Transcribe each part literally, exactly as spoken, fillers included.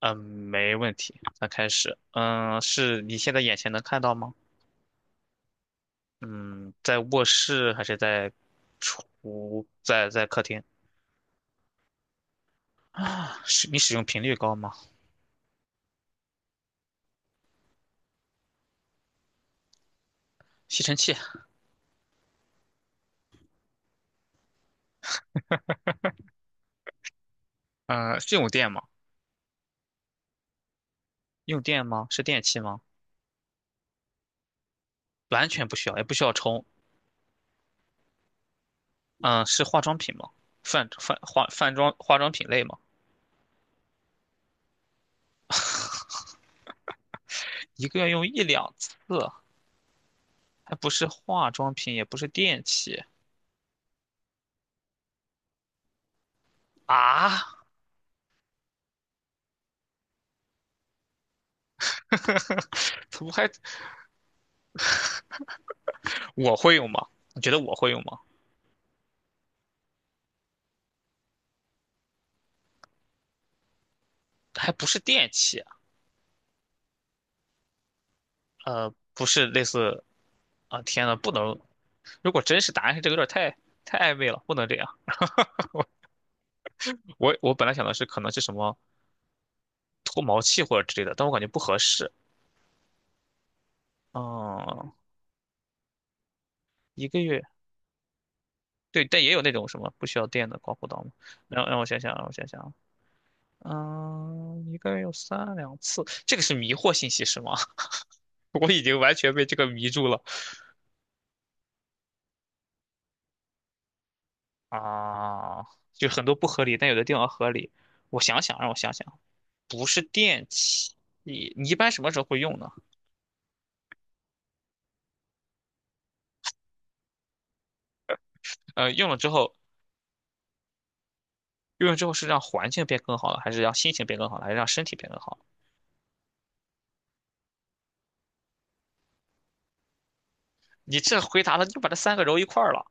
嗯，没问题，那开始。嗯，是你现在眼前能看到吗？嗯，在卧室还是在厨，在在客厅？啊，使你使用频率高吗？吸尘器，嗯，是用电吗？用电吗？是电器吗？完全不需要，也不需要充。嗯，是化妆品吗？泛泛化泛妆化妆品类吗？一个月用一两次，还不是化妆品，也不是电器啊？怎么还我会用吗？你觉得我会用吗？还不是电器，呃，不是类似，啊，天呐，不能，如果真是答案是这个，有点太太暧昧了，不能这样。我我本来想的是可能是什么脱毛器或者之类的，但我感觉不合适。嗯，一个月，对，但也有那种什么不需要电的刮胡刀嘛。让让我想想，让我想想，嗯，一个月有三两次，这个是迷惑信息是吗？我已经完全被这个迷住了啊，就很多不合理，但有的地方合理。我想想，让我想想。不是电器，你你一般什么时候会用呢？呃，用了之后，用了之后是让环境变更好了，还是让心情变更好了，还是让身体变更好了你这回答了，你就把这三个揉一块儿了。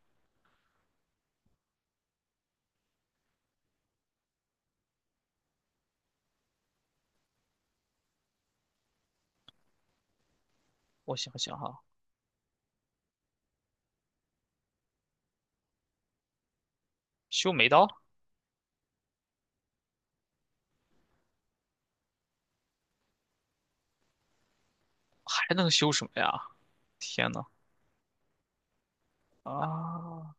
我想想哈，修眉刀还能修什么呀？天呐，啊，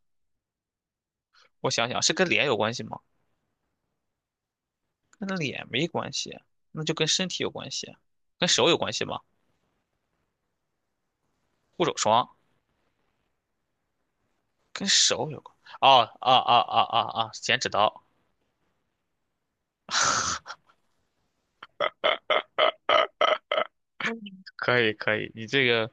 我想想，是跟脸有关系吗？跟脸没关系，那就跟身体有关系，跟手有关系吗？护手霜跟手有关。哦，啊啊啊啊啊！剪纸刀，可以可以，你这个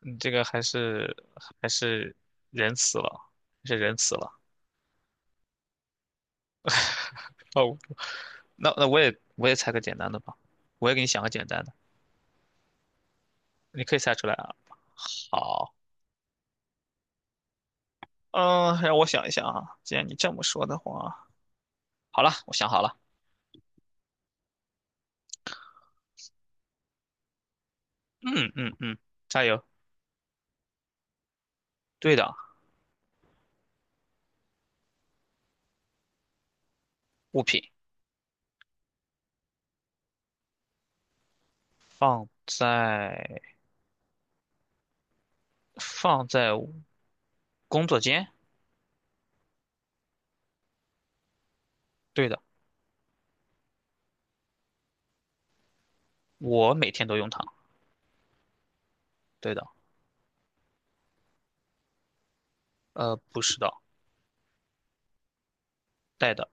你这个还是还是仁慈了，还是仁慈了。哦，那那我也我也猜个简单的吧，我也给你想个简单的，你可以猜出来啊。好，嗯，让我想一想啊。既然你这么说的话，好了，我想好了。嗯嗯嗯，加油。对的，物品放在放在工作间。对的，我每天都用它。对的，呃，不是的，带的，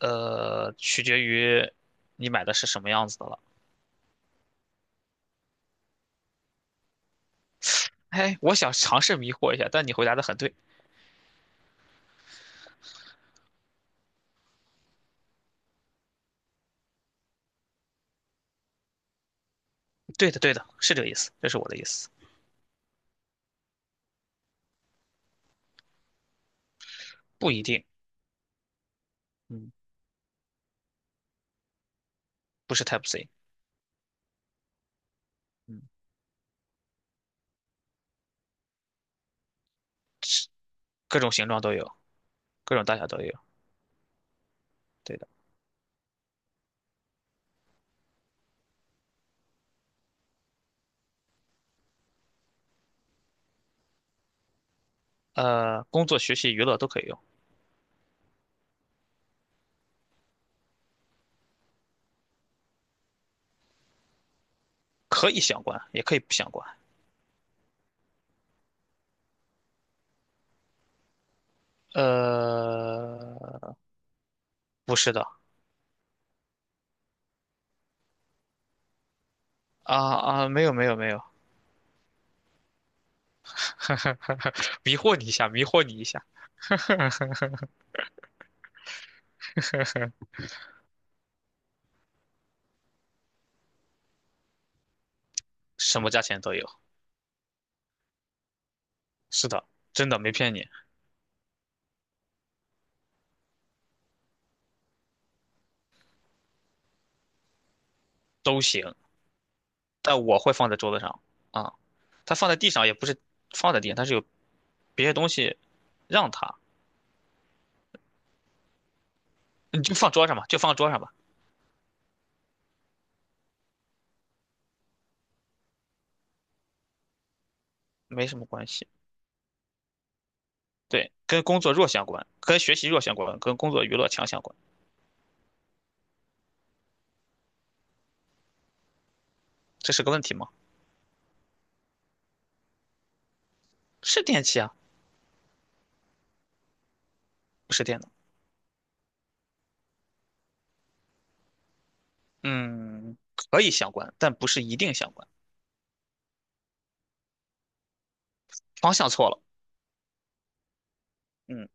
呃，取决于你买的是什么样子的了。哎，我想尝试迷惑一下，但你回答的很对，对的，对的，是这个意思，这是我的意思，不一定，嗯，不是 T y p e C，嗯，各种形状都有，各种大小都有，对的，呃，工作、学习、娱乐都可以用，可以相关，也可以不相关，呃，不是的，啊啊，没有没有没有，迷惑你一下，迷惑你一下，什么价钱都有，是的，真的没骗你，都行，但我会放在桌子上啊。它放在地上也不是放在地上，它是有别的东西让它，你就放桌上吧，就放桌上吧，没什么关系。对，跟工作弱相关，跟学习弱相关，跟工作娱乐强相关，这是个问题吗？是电器啊，不是电脑。嗯，可以相关，但不是一定相关。方向错了。嗯，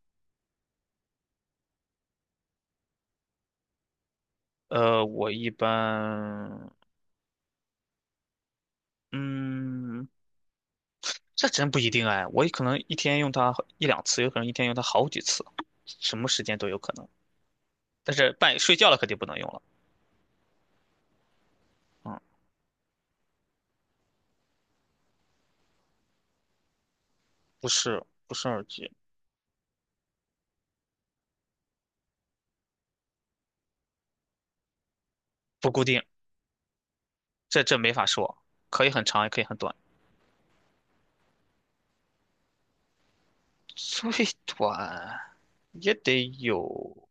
呃，我一般，嗯，这真不一定哎，我可能一天用它一两次，有可能一天用它好几次，什么时间都有可能。但是半夜睡觉了肯定不能用了。嗯，不是不是耳机，不固定，这这没法说，可以很长也可以很短，最短也得有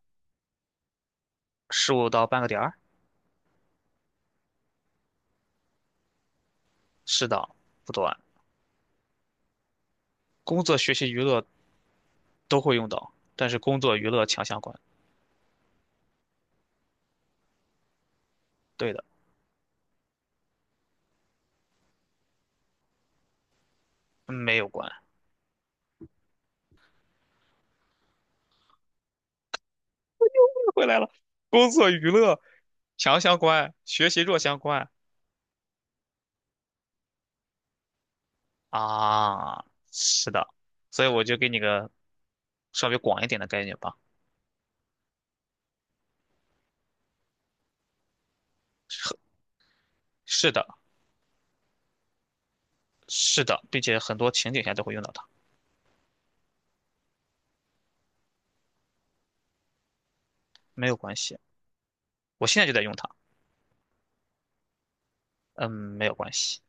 十五到半个点儿，是的，不短。工作、学习、娱乐都会用到，但是工作娱乐强相关。对的，没有关。回来了，工作娱乐强相关，学习弱相关啊，是的，所以我就给你个稍微广一点的概念吧。是是的，是的，并且很多情景下都会用到它，没有关系。我现在就在用它，嗯，没有关系。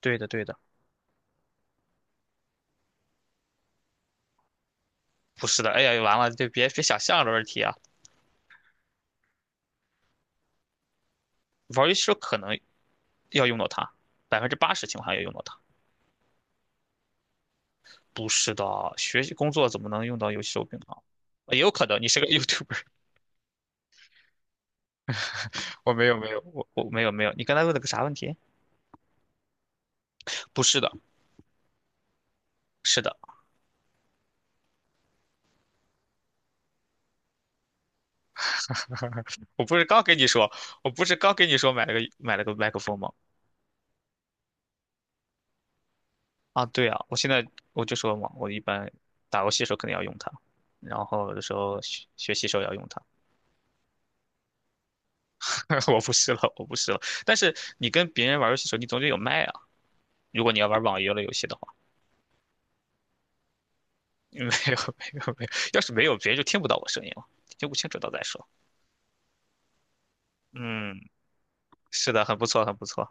对的，对的，不是的。哎呀，完了，就别别想象的问题啊。玩游戏时候可能要用到它，百分之八十情况下要用到它。不是的，学习工作怎么能用到游戏手柄呢？也有可能你是个 YouTuber，我没有没有，我我没有没有。你刚才问了个啥问题？不是的，是的，我不是刚跟你说，我不是刚跟你说买了个买了个麦克风吗？啊，对啊，我现在我就说嘛，我一般打游戏的时候肯定要用它，然后有的时候学学习时候也要用它。我不试了，我不试了。但是你跟别人玩游戏的时候，你总得有麦啊。如果你要玩网游类游戏的话，没有没有没有，要是没有，别人就听不到我声音了，听不清楚到再说。嗯，是的，很不错，很不错，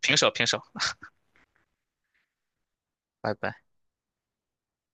平手平手，拜拜。